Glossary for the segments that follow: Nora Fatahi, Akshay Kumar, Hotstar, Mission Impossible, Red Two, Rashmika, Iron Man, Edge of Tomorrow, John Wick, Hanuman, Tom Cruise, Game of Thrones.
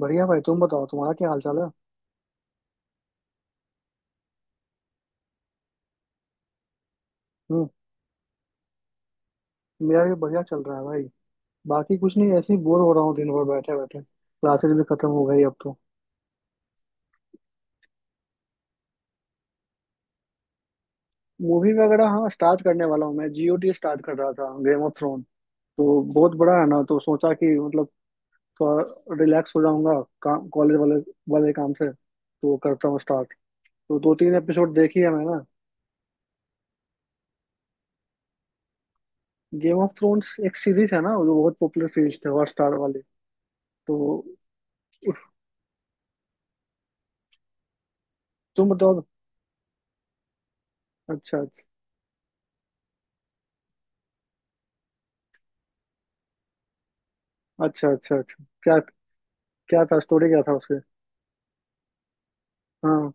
बढ़िया भाई तुम बताओ तुम्हारा क्या हाल चाल है। हम्म। मेरा भी बढ़िया चल रहा है भाई। बाकी कुछ नहीं ऐसे ही बोर हो रहा हूँ दिन भर बैठे बैठे क्लासेस भी खत्म हो गई अब तो। मूवी वगैरह हाँ स्टार्ट करने वाला हूँ मैं। जीओटी स्टार्ट कर रहा था गेम ऑफ थ्रोन। तो बहुत बड़ा है ना तो सोचा कि मतलब थोड़ा रिलैक्स हो जाऊंगा। काम कॉलेज वाले वाले काम से तो करता हूँ स्टार्ट। तो दो तीन एपिसोड देखी है मैंने। गेम ऑफ थ्रोन्स एक सीरीज है ना जो बहुत पॉपुलर सीरीज थी हॉटस्टार वाली। तो तुम बताओ। अच्छा अच्छा अच्छा। अच्छा अच्छा क्या। क्या था स्टोरी क्या था उसके। हाँ।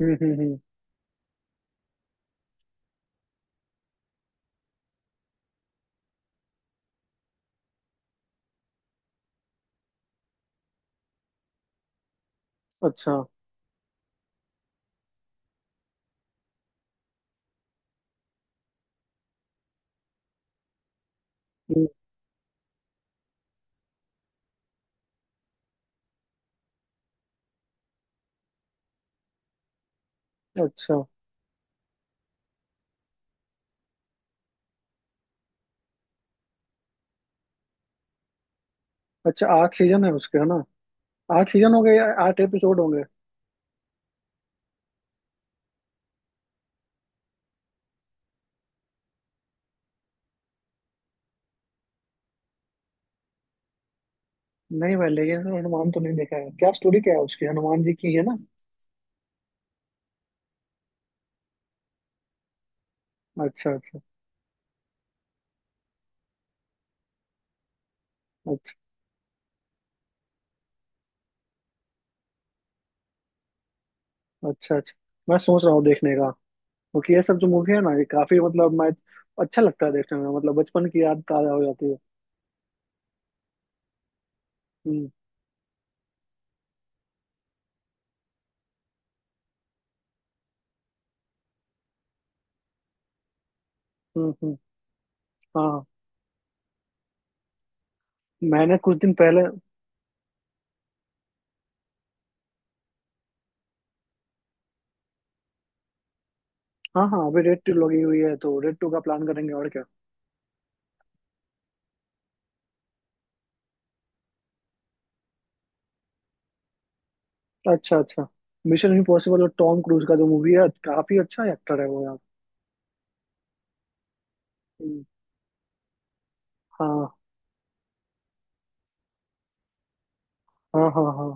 हम्म। अच्छा। हम्म, अच्छा अच्छा आठ सीजन है उसके है ना। आठ सीजन हो गए या आठ एपिसोड होंगे। नहीं भाई लेकिन हनुमान तो नहीं देखा है क्या स्टोरी क्या है उसकी हनुमान जी की है ना। अच्छा अच्छा। अच्छा अच्छा अच्छा। मैं सोच रहा हूँ देखने का। क्योंकि ये सब जो मूवी है ना ये काफी मतलब मैं अच्छा लगता है देखने में मतलब बचपन की याद ताजा हो जाती है। हम्म हम्म हम्म, हाँ मैंने कुछ दिन पहले। हाँ हाँ अभी रेड टू लगी हुई है तो रेड टू का प्लान करेंगे और क्या। अच्छा अच्छा। मिशन इम्पॉसिबल और टॉम क्रूज का जो मूवी है काफी अच्छा एक्टर है वो यार। हम्म, हाँ हाँ हाँ। हाँ।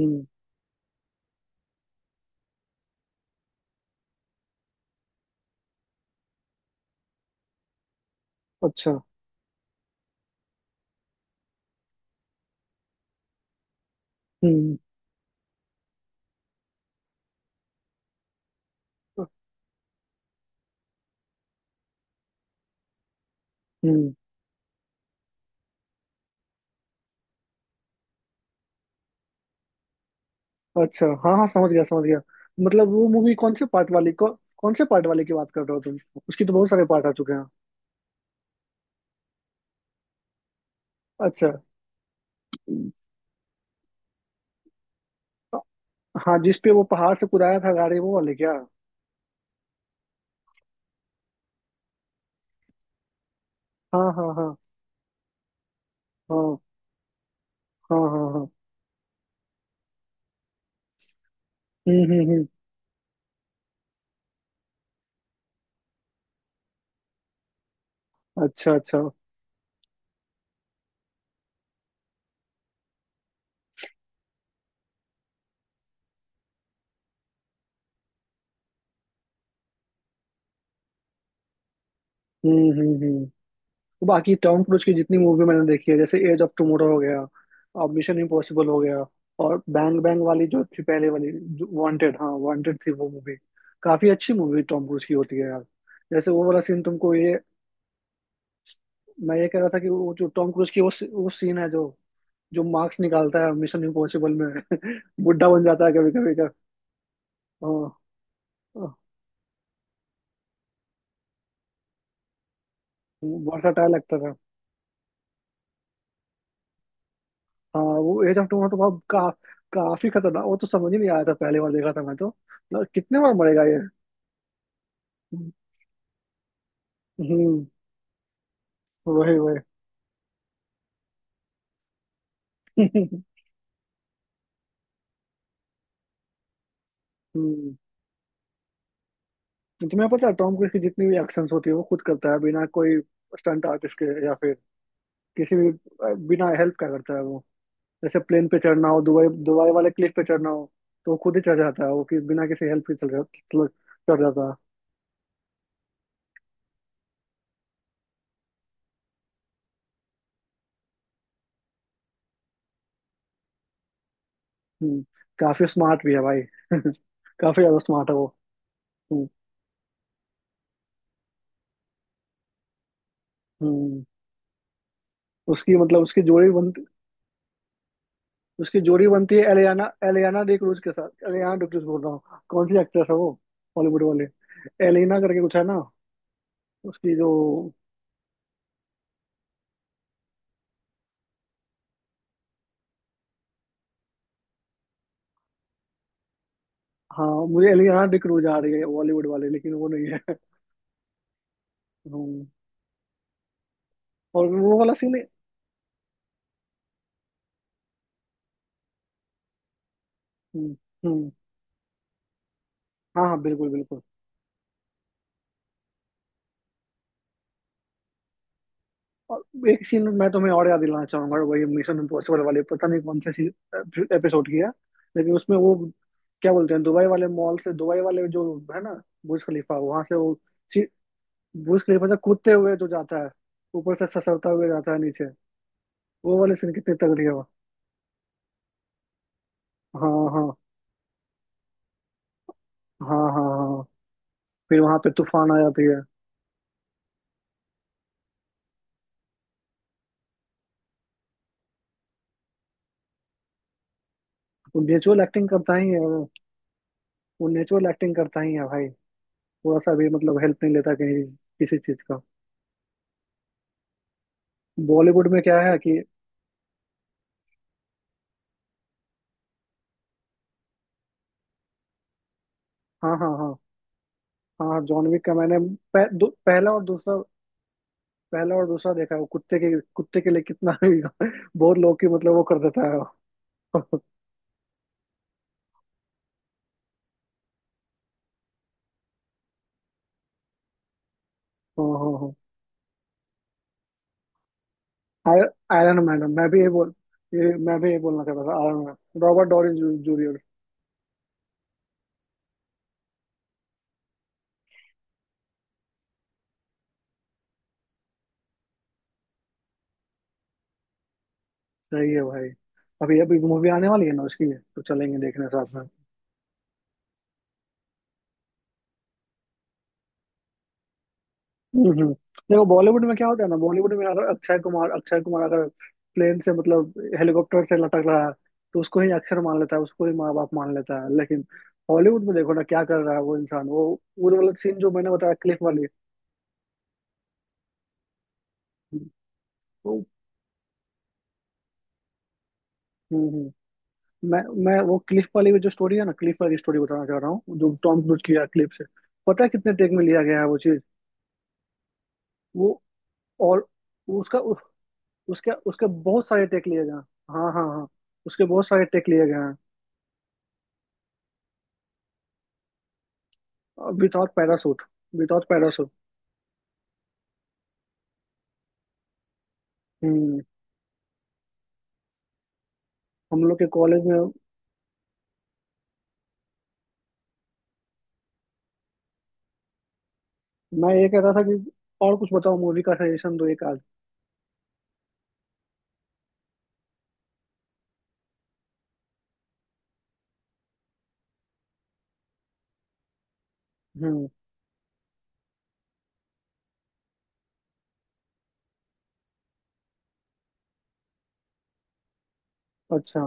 हम्म। अच्छा। हम्म हम्म। अच्छा हाँ हाँ समझ गया समझ गया। मतलब वो मूवी कौन से पार्ट वाली कौन से पार्ट वाले की बात कर रहे हो तुम। उसकी तो बहुत सारे पार्ट आ चुके हैं। अच्छा। हाँ जिस पे वो पहाड़ से कुदाया था गाड़ी वो वाले क्या। हाँ हाँ हाँ हाँ। हाँ हाँ हाँ। हम्म। अच्छा अच्छा। हम्म। तो बाकी टॉम क्रूज की जितनी मूवी मैंने देखी है जैसे एज ऑफ टुमारो हो गया। और मिशन इम्पॉसिबल हो गया। और बैंग बैंग वाली जो थी पहले वाली जो वांटेड हाँ वांटेड थी वो मूवी। काफी अच्छी मूवी टॉम क्रूज की होती है यार। जैसे वो वाला सीन तुमको ये मैं ये कह रहा था कि वो जो टॉम क्रूज की वो सीन है जो जो मार्क्स निकालता है मिशन इम्पॉसिबल में बुढ़ा बन जाता है कभी कभी का। हाँ वर्सटाइल लगता था। हाँ वो एज ऑफ टुमारो काफी खतरनाक वो तो समझ ही नहीं आया था पहली बार देखा था मैं तो मतलब कितने बार मरेगा। हम्म। वही वही। हम्म। तुम्हें पता है टॉम क्रूज की जितनी भी एक्शंस होती है वो खुद करता है बिना कोई स्टंट आर्टिस्ट के या फिर किसी भी बिना हेल्प का करता है वो। जैसे प्लेन पे चढ़ना हो दुबई दुबई वाले क्लिफ पे चढ़ना हो। तो वो खुद ही चढ़ जाता है वो कि बिना किसी हेल्प के चढ़ जाता है। हम्म। काफी स्मार्ट भी है भाई काफी ज्यादा स्मार्ट है वो। हम्म हम्म। उसकी मतलब उसकी जोड़ी बनती है एलियाना एलियाना डी क्रूज के साथ एलियाना डी क्रूज बोल रहा हूँ कौन सी एक्ट्रेस है वो बॉलीवुड वाले एलिना करके कुछ है ना उसकी जो। हाँ मुझे एलियाना डी क्रूज आ रही है बॉलीवुड वाले लेकिन वो नहीं है। हम्म, और वो वाला सीन है। हम्म हम्म, हाँ हाँ बिल्कुल बिल्कुल। और एक सीन मैं तुम्हें और याद दिलाना चाहूंगा वही मिशन इम्पॉसिबल वाले पता नहीं कौन से एपिसोड की है लेकिन उसमें वो क्या बोलते हैं दुबई वाले मॉल से दुबई वाले जो है ना बुर्ज खलीफा वहां से वो बुश खलीफा से कूदते हुए जो जाता है ऊपर से ससरता हुए जाता है नीचे। वो वाली सीन कितनी तगड़ी है वो। हाँ हाँ। हाँ हाँ हाँ। फिर वहां पे तूफान आ जाती है। वो नेचुरल एक्टिंग करता ही है वो। वो नेचुरल एक्टिंग करता ही है भाई। थोड़ा सा भी मतलब हेल्प नहीं लेता कहीं किसी चीज का। बॉलीवुड में क्या है कि हाँ हाँ हाँ। हाँ जॉन विक का मैंने पह, दो, पहला और दूसरा पहला और दूसरा देखा है। वो कुत्ते के लिए कितना भी बहुत लोग की मतलब वो कर देता है वो। हाँ हाँ हाँ। आय- आयरन मैडम मैं भी ये बोल ये मैं भी ये बोलना चाहता था। Iron madam Robert dowry junior. सही है भाई। अभी अभी मूवी आने वाली है ना उसकी तो चलेंगे देखने साथ में। हम्म हम्म। देखो बॉलीवुड में क्या होता है ना बॉलीवुड में अगर अक्षय कुमार अगर प्लेन से मतलब हेलीकॉप्टर से लटक रहा है तो उसको ही अक्षर मान लेता है उसको ही माँ बाप मान लेता है लेकिन हॉलीवुड में देखो ना क्या कर रहा है वो इंसान वो वाला सीन जो मैंने बताया क्लिप वाली वो। हम्म हम्म। मैं मैं वो क्लिफ वाली जो स्टोरी है ना क्लिफ वाली स्टोरी बताना चाह रहा हूँ जो टॉम क्रूज की है क्लिफ से। पता है कितने टेक में लिया गया है वो चीज। वो और उसका उ- उसके उसके बहुत सारे टेक लिए गए हैं। हाँ हाँ हाँ। उसके बहुत सारे टेक लिए गए हैं। Without parachute. Without parachute. हम्म। हम लोग के कॉलेज में। मैं ये कह रहा था कि और कुछ बताओ मूवी का सजेशन दो एक आध। हम्म। अच्छा।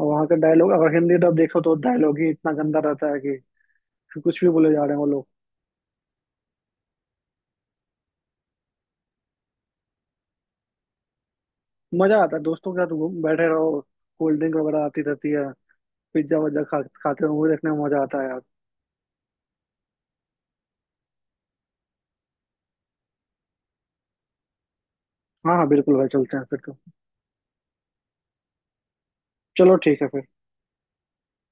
और वहाँ का डायलॉग अगर हिंदी डब देखो तो डायलॉग ही इतना गंदा रहता है कि कुछ भी बोले जा रहे हैं वो लोग। मजा आता है दोस्तों के साथ घूम बैठे रहो। कोल्ड ड्रिंक वगैरह आती रहती है। पिज्जा वज्जा खा खाते रहो वो देखने में मजा आता है यार। हाँ हाँ बिल्कुल भाई चलते हैं फिर तो। चलो ठीक है फिर।